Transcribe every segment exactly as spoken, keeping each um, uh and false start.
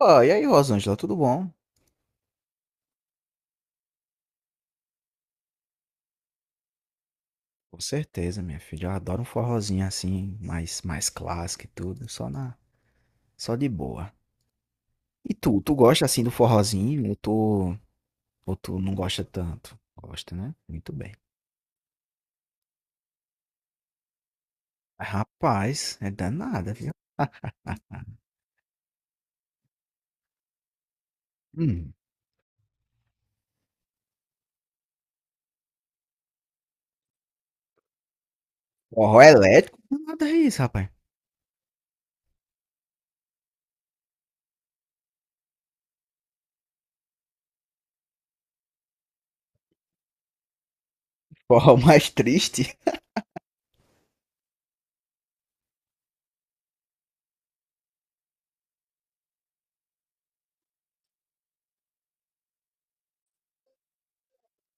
Ó, e aí, Rosângela, tudo bom? Com certeza, minha filha. Eu adoro um forrozinho assim, mais, mais clássico e tudo, só na, só de boa. E tu, tu gosta assim do forrozinho ou tu, ou tu não gosta tanto? Gosta, né? Muito bem. Rapaz, é danada, viu? Hum, forró elétrico? Nada é isso, rapaz. Forró mais triste?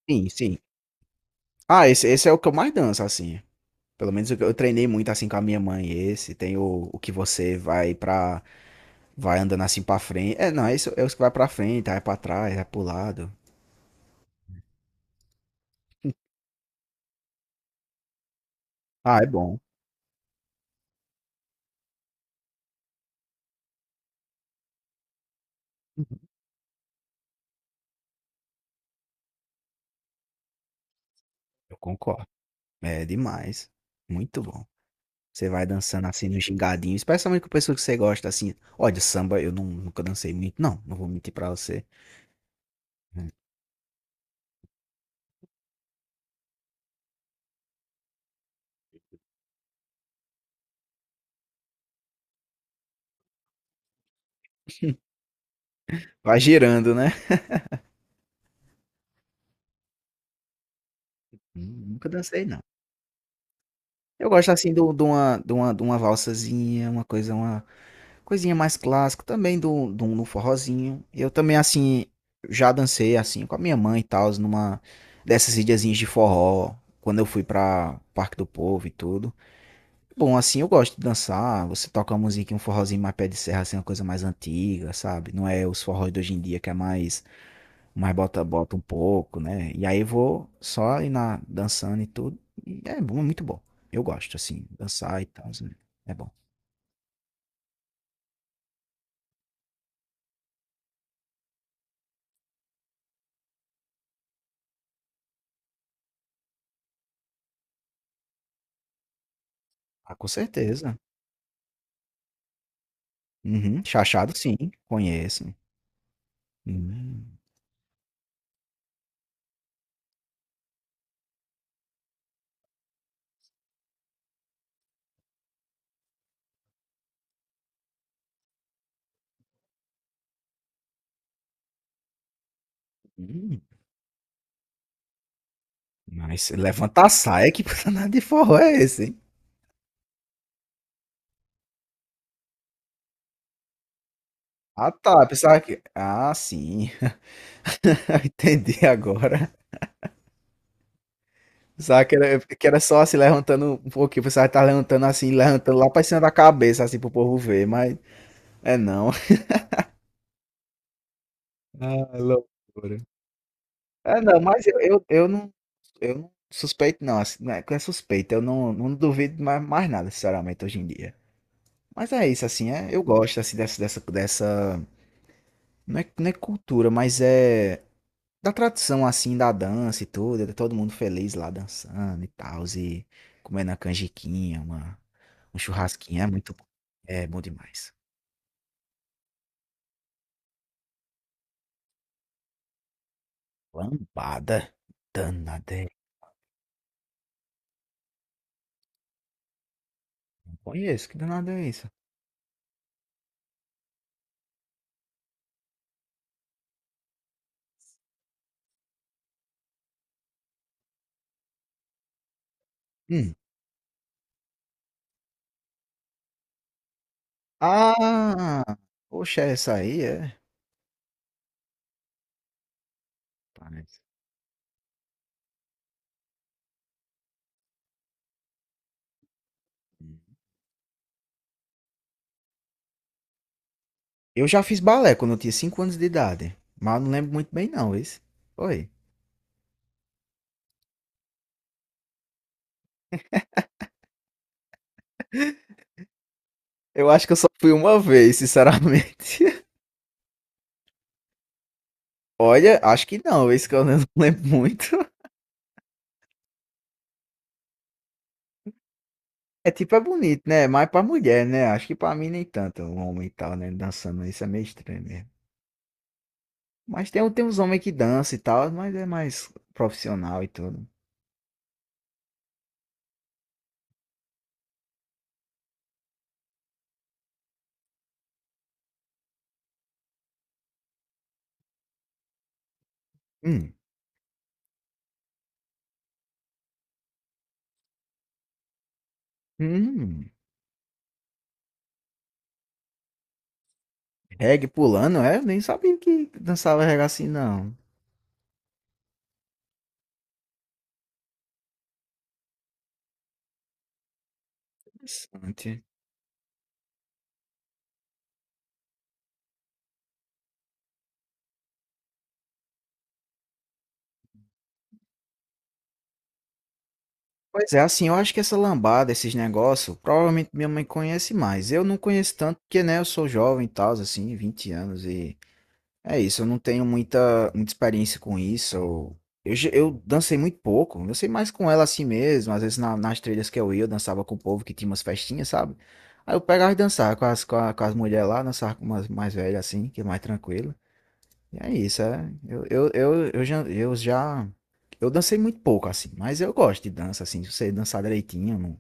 Sim, sim. Ah, esse, esse é o que eu mais danço, assim. Pelo menos eu, eu treinei muito assim com a minha mãe. Esse tem o, o que você vai pra. Vai andando assim pra frente. É, não, é isso, é os que vai pra frente, vai pra trás, vai pro lado. Ah, é bom. Eu concordo. É demais. Muito bom. Você vai dançando assim no gingadinho, especialmente com pessoa que você gosta, assim. Olha, samba eu não, nunca dancei muito, não. Não vou mentir pra você. Hum. Vai girando, né? Hum. Nunca dancei, não. Eu gosto assim do- de uma, de uma, de uma valsazinha, uma coisa, uma coisinha mais clássica, também do, do, do forrozinho. Eu também, assim, já dancei, assim, com a minha mãe e tal, numa dessas ilhazinhas de forró, quando eu fui pra Parque do Povo e tudo. Bom, assim, eu gosto de dançar, você toca uma musiquinha, um forrozinho mais pé de serra, assim, uma coisa mais antiga, sabe? Não é os forrós de hoje em dia que é mais, mais bota, bota um pouco, né? E aí eu vou só ir na, dançando e tudo, e é bom, é muito bom. Eu gosto, assim, dançar e tal, né? É bom. Ah, com certeza. Uhum. Chachado sim, conheço. Hum, hum. Mas levanta a saia, que nada de forró é esse, hein? Ah, tá, pensava que, ah, sim, entendi agora. Pensava que era que era só se levantando um pouquinho, pensava que estava levantando assim, levantando lá pra cima da cabeça, assim, para o povo ver, mas é não. Ah, loucura. É não, mas eu eu eu não, eu não suspeito não, assim, não é que é suspeito, eu não, não duvido mais mais nada sinceramente hoje em dia. Mas é isso, assim, é, eu gosto assim, dessa, dessa, dessa. Não é, não é cultura, mas é da tradição assim da dança e tudo, é todo mundo feliz lá dançando e tal, e comendo a canjiquinha, uma, um churrasquinho, é muito bom, é bom demais. Lambada danada. é- Não conheço, que danada é isso? Hum. Ah! Poxa, essa aí é. Parece. Eu já fiz balé quando eu tinha cinco anos de idade, mas eu não lembro muito bem não, isso. Foi. Eu acho que eu só fui uma vez, sinceramente. Olha, acho que não, isso que eu não lembro muito. É tipo, é bonito, né? Mais pra mulher, né? Acho que pra mim nem tanto. Um homem e tal, né? Dançando isso é meio estranho mesmo. Mas tem, tem uns homens que dançam e tal, mas é mais profissional e tudo. Hum, hum. Reggae pulando, é? Eu nem sabia que dançava reggae assim, não. Interessante. Pois é, assim, eu acho que essa lambada, esses negócios, provavelmente minha mãe conhece mais. Eu não conheço tanto, porque, né, eu sou jovem e tal, assim, vinte anos e é isso, eu não tenho muita, muita experiência com isso. Eu, eu, já- eu dancei muito pouco, eu dancei mais com ela assim mesmo. Às vezes na- nas trilhas que eu ia, eu dançava com o povo que tinha umas festinhas, sabe? Aí eu pegava e dançava com as, com a- com as mulheres lá, dançava com umas mais velhas assim, que é mais tranquilo. E é isso, é. Eu, eu, eu, eu já, eu já. Eu dancei muito pouco assim, mas eu gosto de dança assim. Se você dançar direitinho,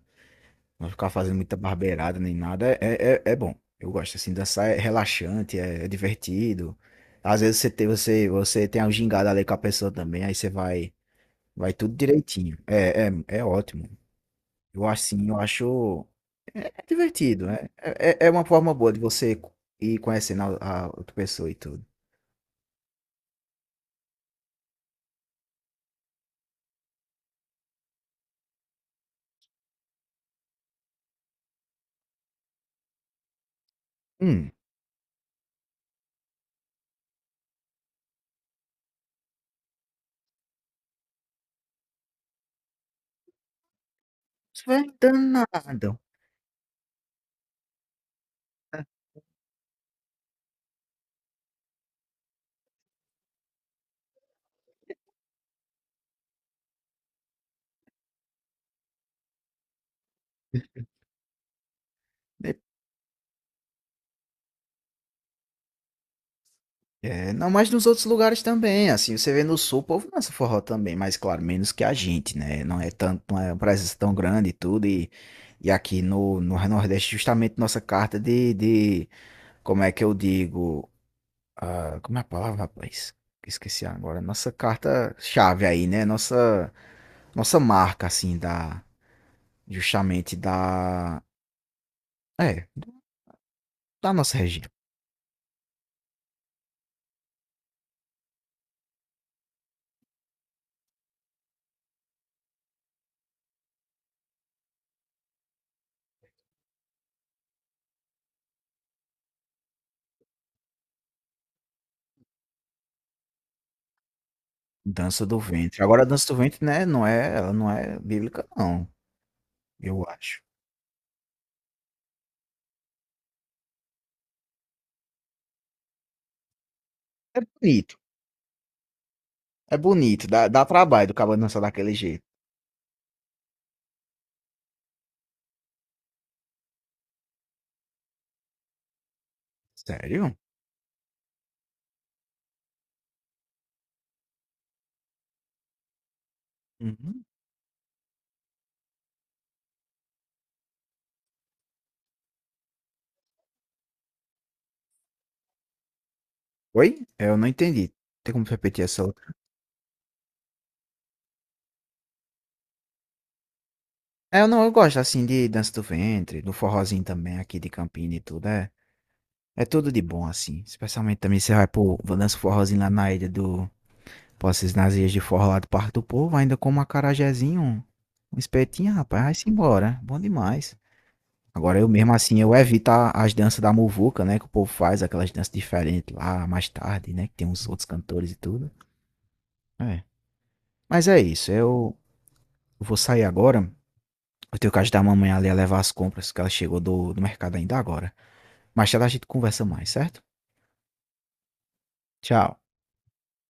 não ficar fazendo muita barbeirada nem nada. É, é, é bom. Eu gosto assim, dançar é relaxante, é, é divertido. Às vezes você tem, você, você tem a gingada ali com a pessoa também, aí você vai, vai tudo direitinho. É, é, é ótimo. Eu acho assim, eu acho é divertido, né? É, é é uma forma boa de você ir conhecendo a, a outra pessoa e tudo. Hum, isso vai danado. É, não, mas nos outros lugares também, assim, você vê no sul, o povo dança forró também, mas claro, menos que a gente, né? Não é tanto, não é uma presença tão grande e tudo, e, e aqui no, no Nordeste, justamente nossa carta de, de, como é que eu digo, ah, como é a palavra, rapaz? Esqueci agora, nossa carta chave aí, né? Nossa, nossa marca, assim, da, justamente da, é, da nossa região, dança do ventre. Agora, a dança do ventre, né, não é, ela não é bíblica, não, eu acho. É bonito, é bonito, dá dá trabalho do cabo dançar daquele jeito. Sério? Uhum. Oi? É, eu não entendi. Tem como repetir essa outra? É, eu não, eu gosto assim de dança do ventre, do forrozinho também aqui de Campina e tudo. É, é tudo de bom assim. Especialmente também você vai pro vai dança o forrozinho lá na ilha do, vocês nas ilhas de forró lá do Parque do Povo, ainda com um acarajézinho, um espetinho, rapaz, vai-se embora. Bom demais. Agora eu mesmo assim, eu evito a- as danças da muvuca, né? Que o povo faz aquelas danças diferentes lá mais tarde, né? Que tem uns outros cantores e tudo. É. Mas é isso, eu vou sair agora. Eu tenho que ajudar a mamãe ali a levar as compras, que ela chegou do, do mercado ainda agora. Mais tarde a gente conversa mais, certo? Tchau.